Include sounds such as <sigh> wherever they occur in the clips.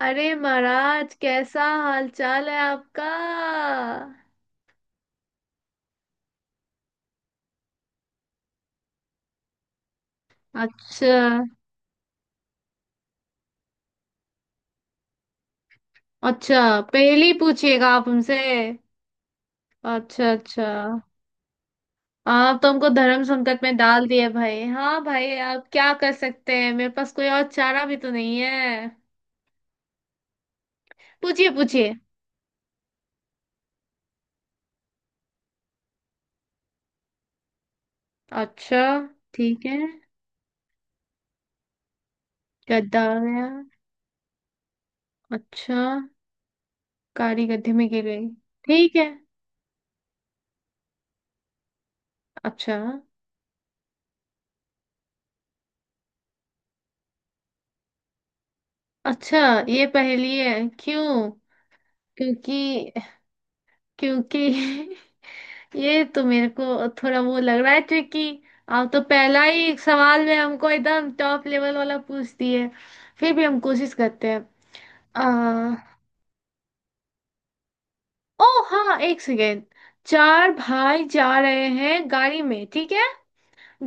अरे महाराज, कैसा हाल चाल है आपका? अच्छा। अच्छा, पहली पूछिएगा आप हमसे। अच्छा अच्छा। आप तो हमको धर्म संकट में डाल दिए भाई। हाँ भाई, आप क्या कर सकते हैं, मेरे पास कोई और चारा भी तो नहीं है। पूछिए पूछिए। अच्छा, ठीक है। गद्दा आ गया। अच्छा। कारी गड्ढे में गिर गई। ठीक है। अच्छा अच्छा। ये पहेली है? क्यों? क्योंकि क्योंकि <laughs> ये तो मेरे को थोड़ा वो लग रहा है, क्योंकि आप तो पहला ही सवाल में हमको एकदम टॉप लेवल वाला पूछ दिए। फिर भी हम कोशिश करते हैं। आ, ओ, हाँ एक सेकेंड। चार भाई जा रहे हैं गाड़ी में, ठीक है।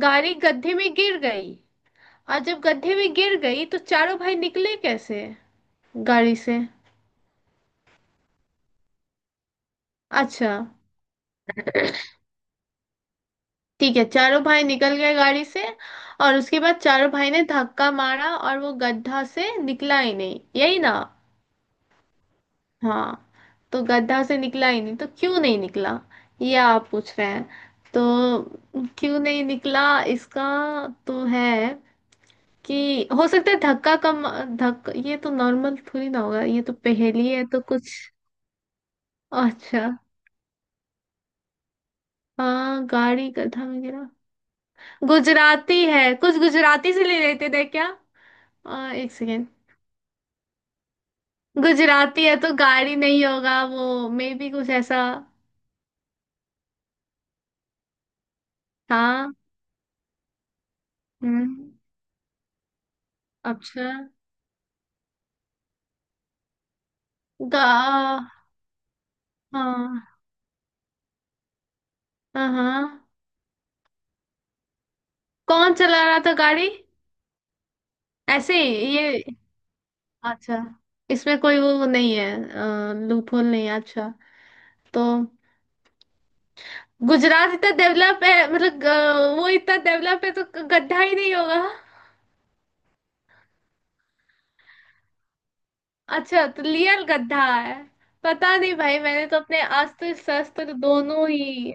गाड़ी गड्ढे में गिर गई, और जब गड्ढे में गिर गई तो चारों भाई निकले कैसे गाड़ी से? अच्छा ठीक है, चारों भाई निकल गए गाड़ी से। और उसके बाद चारों भाई ने धक्का मारा और वो गड्ढा से निकला ही नहीं, यही ना? हाँ। तो गड्ढा से निकला ही नहीं, तो क्यों नहीं निकला, ये आप पूछ रहे हैं। तो क्यों नहीं निकला इसका? तो है कि हो सकता है धक्का कम, धक्का ये तो नॉर्मल थोड़ी ना होगा, ये तो पहेली है तो कुछ। अच्छा, हाँ गाड़ी गड्ढा में गिरा। गुजराती है? कुछ गुजराती से ले लेते थे क्या? एक सेकेंड। गुजराती है तो गाड़ी नहीं होगा वो, मे बी कुछ ऐसा था। हम्म। अच्छा। गा हाँ हाँ हाँ। कौन चला रहा था गाड़ी? ऐसे ही ये। अच्छा। इसमें कोई वो नहीं है, लूपहोल नहीं है? अच्छा। तो गुजरात इतना डेवलप है, मतलब वो इतना डेवलप है तो गड्ढा ही नहीं होगा। अच्छा, तो रियल गड्ढा है? पता नहीं भाई, मैंने तो अपने अस्त शस्त्र दोनों ही।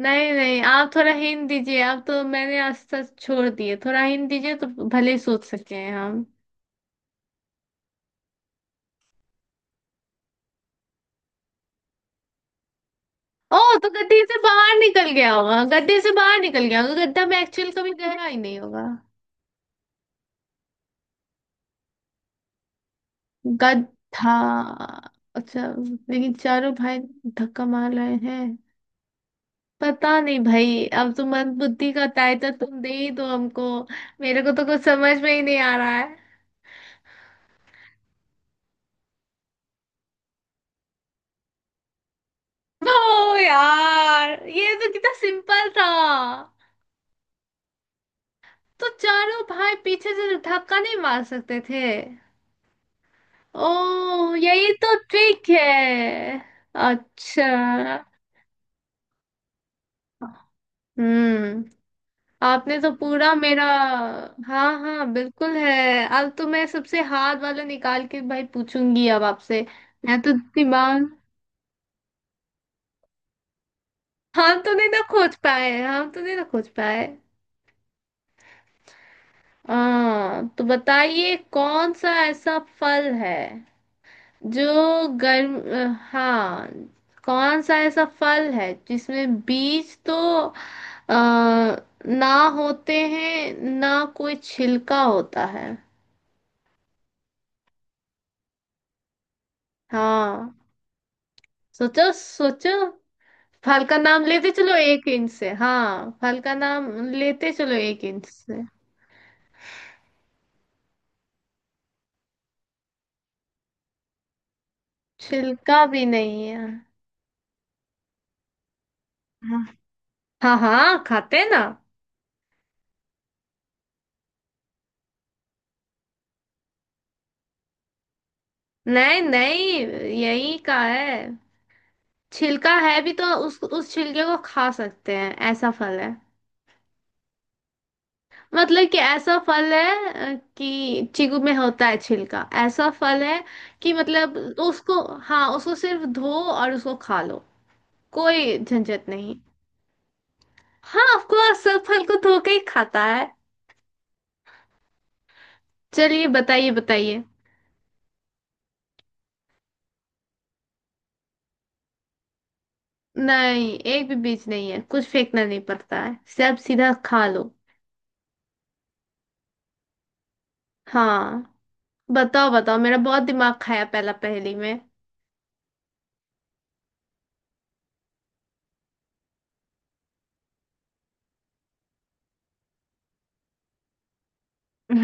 नहीं नहीं, आप थोड़ा हिंट दीजिए। आप तो मैंने आज तक छोड़ दिए, थोड़ा हिंट दीजिए तो भले ही सोच सके हैं हम। ओ, तो गड्ढे से बाहर निकल गया होगा, गड्ढे से बाहर निकल गया होगा, गड्ढा में एक्चुअल कभी गहरा ही नहीं होगा। गड्ढा। अच्छा। लेकिन चारों भाई धक्का मार रहे हैं। पता नहीं भाई, अब तो मंद बुद्धि का टाइटल तुम दे ही दो हमको। मेरे को तो कुछ समझ में ही नहीं आ रहा है। ओ यार, ये तो कितना सिंपल था। तो चारों भाई पीछे से तो धक्का नहीं मार सकते थे। ओ, यही तो ट्रिक है। अच्छा। हम्म। आपने तो पूरा मेरा। हाँ हाँ, बिल्कुल है। अब तो मैं सबसे हार्ड वाला निकाल के भाई पूछूंगी अब आपसे। मैं तो दिमाग। हम तो नहीं ना खोज पाए, हम तो नहीं ना खोज पाए। तो बताइए, कौन सा ऐसा फल है जो गर्म, हाँ, कौन सा ऐसा फल है जिसमें बीज तो आ, ना होते हैं, ना कोई छिलका होता है? हाँ, सोचो सोचो। फल का नाम लेते चलो एक इंच से, हाँ फल का नाम लेते चलो एक इंच से। छिलका भी नहीं है। हाँ। हाँ हाँ, खाते हैं ना। नहीं नहीं, यही का है। छिलका है भी तो उस छिलके को खा सकते हैं, ऐसा फल है। मतलब कि ऐसा फल है, कि चीकू में होता है छिलका, ऐसा फल है। कि मतलब उसको। हाँ, उसको सिर्फ धो और उसको खा लो, कोई झंझट नहीं। हाँ, ऑफ कोर्स सब फल को धो के ही खाता है। चलिए बताइए बताइए। नहीं, एक भी बीज नहीं है, कुछ फेंकना नहीं पड़ता है, सब सीधा खा लो। हाँ, बताओ बताओ, मेरा बहुत दिमाग खाया पहला पहेली में।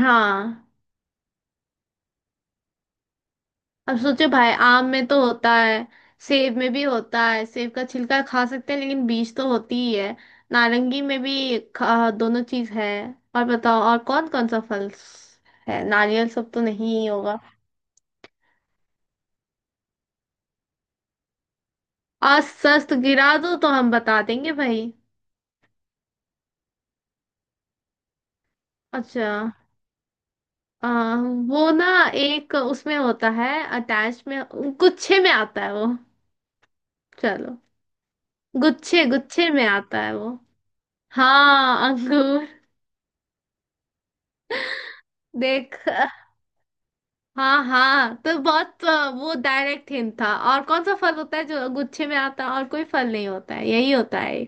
हाँ, अब सोचो भाई, आम में तो होता है, सेब में भी होता है, सेब का छिलका खा सकते हैं लेकिन बीज तो होती ही है। नारंगी में भी खा, दोनों चीज है। और बताओ, और कौन कौन सा फल है? नारियल सब तो नहीं ही होगा। आज सस्त गिरा दो तो हम बता देंगे भाई। अच्छा। आ, वो ना, एक उसमें होता है, अटैच में, गुच्छे में आता है वो। चलो, गुच्छे गुच्छे में आता है वो। हाँ, अंगूर। देख, हाँ हाँ, तो बहुत वो डायरेक्ट हिंट था, और कौन सा फल होता है जो गुच्छे में आता है? और कोई फल नहीं होता है, यही होता है।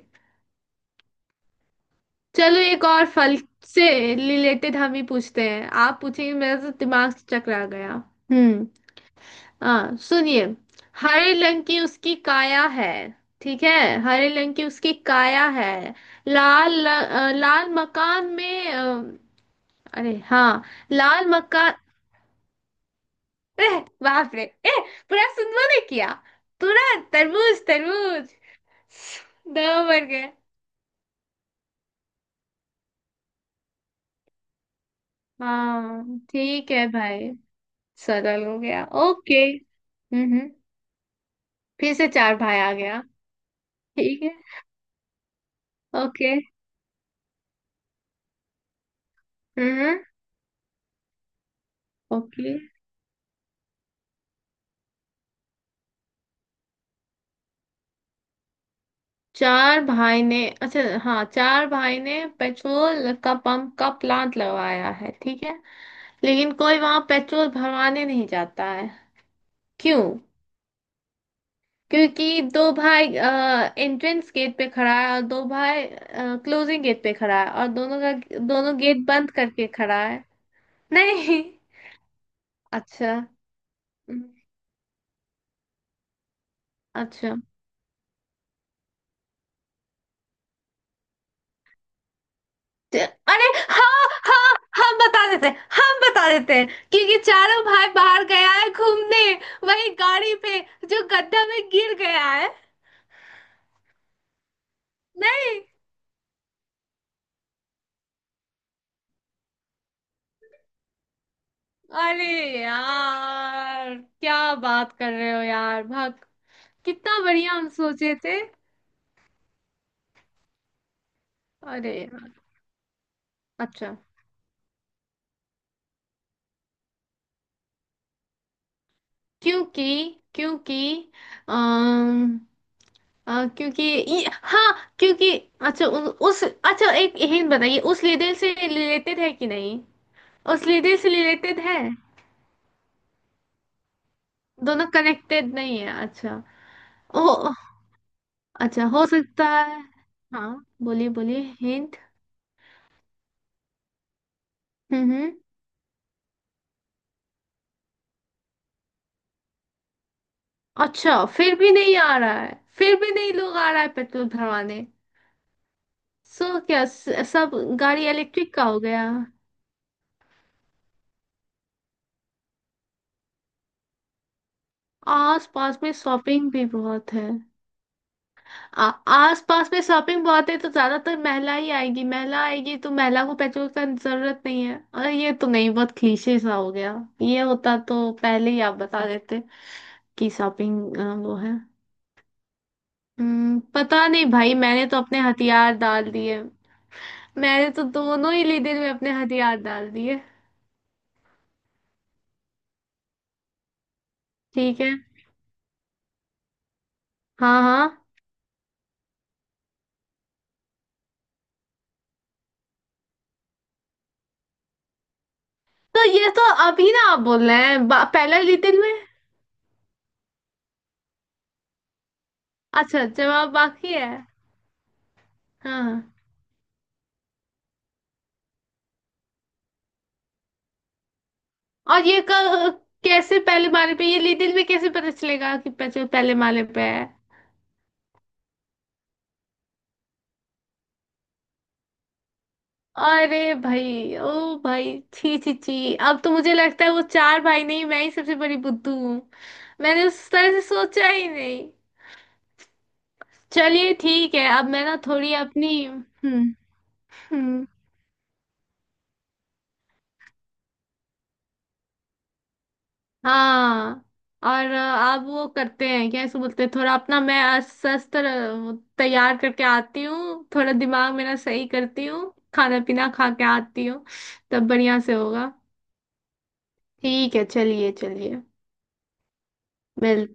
चलो एक और फल से रिलेटेड हम ही पूछते हैं, आप पूछेंगे, मेरा तो दिमाग से चकरा गया। हम्म। हाँ सुनिए, हरे रंग की उसकी काया है, ठीक है? हरे रंग की उसकी काया है, लाल लाल मकान में अरे हाँ, लाल मकान। एह बाप रे, एह, पूरा सुन ने किया, पूरा। तरबूज तरबूज। दो बन गए। हाँ ठीक है भाई। सरल हो गया, ओके। हम्म। फिर से चार भाई आ गया। ठीक है, ओके। हम्म। ओके, चार भाई ने। अच्छा हाँ, चार भाई ने पेट्रोल का पंप का प्लांट लगवाया है, ठीक है। लेकिन कोई वहां पेट्रोल भरवाने नहीं जाता है? क्यों? क्योंकि दो भाई एंट्रेंस गेट पे खड़ा है, और दो भाई क्लोजिंग गेट पे खड़ा है, और दोनों का, दोनों गेट बंद करके खड़ा है। नहीं? अच्छा। हम्म, अच्छा। ते- अरे हाँ हाँ, हम बता देते हैं, हम बता देते हैं। क्योंकि चारों भाई बाहर गया है घूमने, वही गाड़ी पे जो गड्ढा में गिर गया है। नहीं? अरे यार, क्या बात कर रहे हो यार भाग, कितना बढ़िया हम सोचे थे। अरे, अच्छा, क्योंकि क्योंकि अम, क्योंकि हाँ क्योंकि, अच्छा उस, अच्छा एक हिंट बताइए, उस लीडर से रिलेटेड है कि नहीं? उस लीडर से रिलेटेड है? दोनों कनेक्टेड नहीं है, अच्छा। ओ, अच्छा हो सकता है। हाँ, बोलिए बोलिए हिंट। हम्म हम्म। अच्छा, फिर भी नहीं आ रहा है, फिर भी नहीं लोग आ रहा है पेट्रोल भरवाने? सो क्या, सब गाड़ी इलेक्ट्रिक का हो गया? आस पास में शॉपिंग भी बहुत है। आस पास में शॉपिंग बहुत है, तो ज्यादातर महिला ही आएगी, महिला आएगी तो महिला को पेट्रोल का जरूरत नहीं है, अरे ये तो नहीं, बहुत क्लीशे सा हो गया। ये होता तो पहले ही आप बता देते, कि शॉपिंग वो है। पता नहीं भाई, मैंने तो अपने हथियार डाल दिए। मैंने तो दोनों ही लीडर में अपने हथियार डाल दिए। ठीक है। हाँ हाँ, तो ये तो अभी ना आप बोल रहे हैं पहला लीडर में। अच्छा, जवाब बाकी है। हाँ। और ये कैसे पहले माले पे? ये लिटिल में कैसे पता चलेगा कि बच्चे पहले माले पे है? अरे भाई, ओ भाई, छी छी छी, अब तो मुझे लगता है वो चार भाई नहीं, मैं ही सबसे बड़ी बुद्धू हूँ। मैंने उस तरह से सोचा ही नहीं। चलिए ठीक है, अब मैं ना थोड़ी अपनी। हम्म। हम्म। हाँ, और आप वो करते हैं क्या, इसको बोलते हैं, थोड़ा अपना मैं अस्वस्थ तैयार करके आती हूँ, थोड़ा दिमाग मेरा सही करती हूँ, खाना पीना खा के आती हूँ। तब बढ़िया से होगा। ठीक है, चलिए चलिए। मिल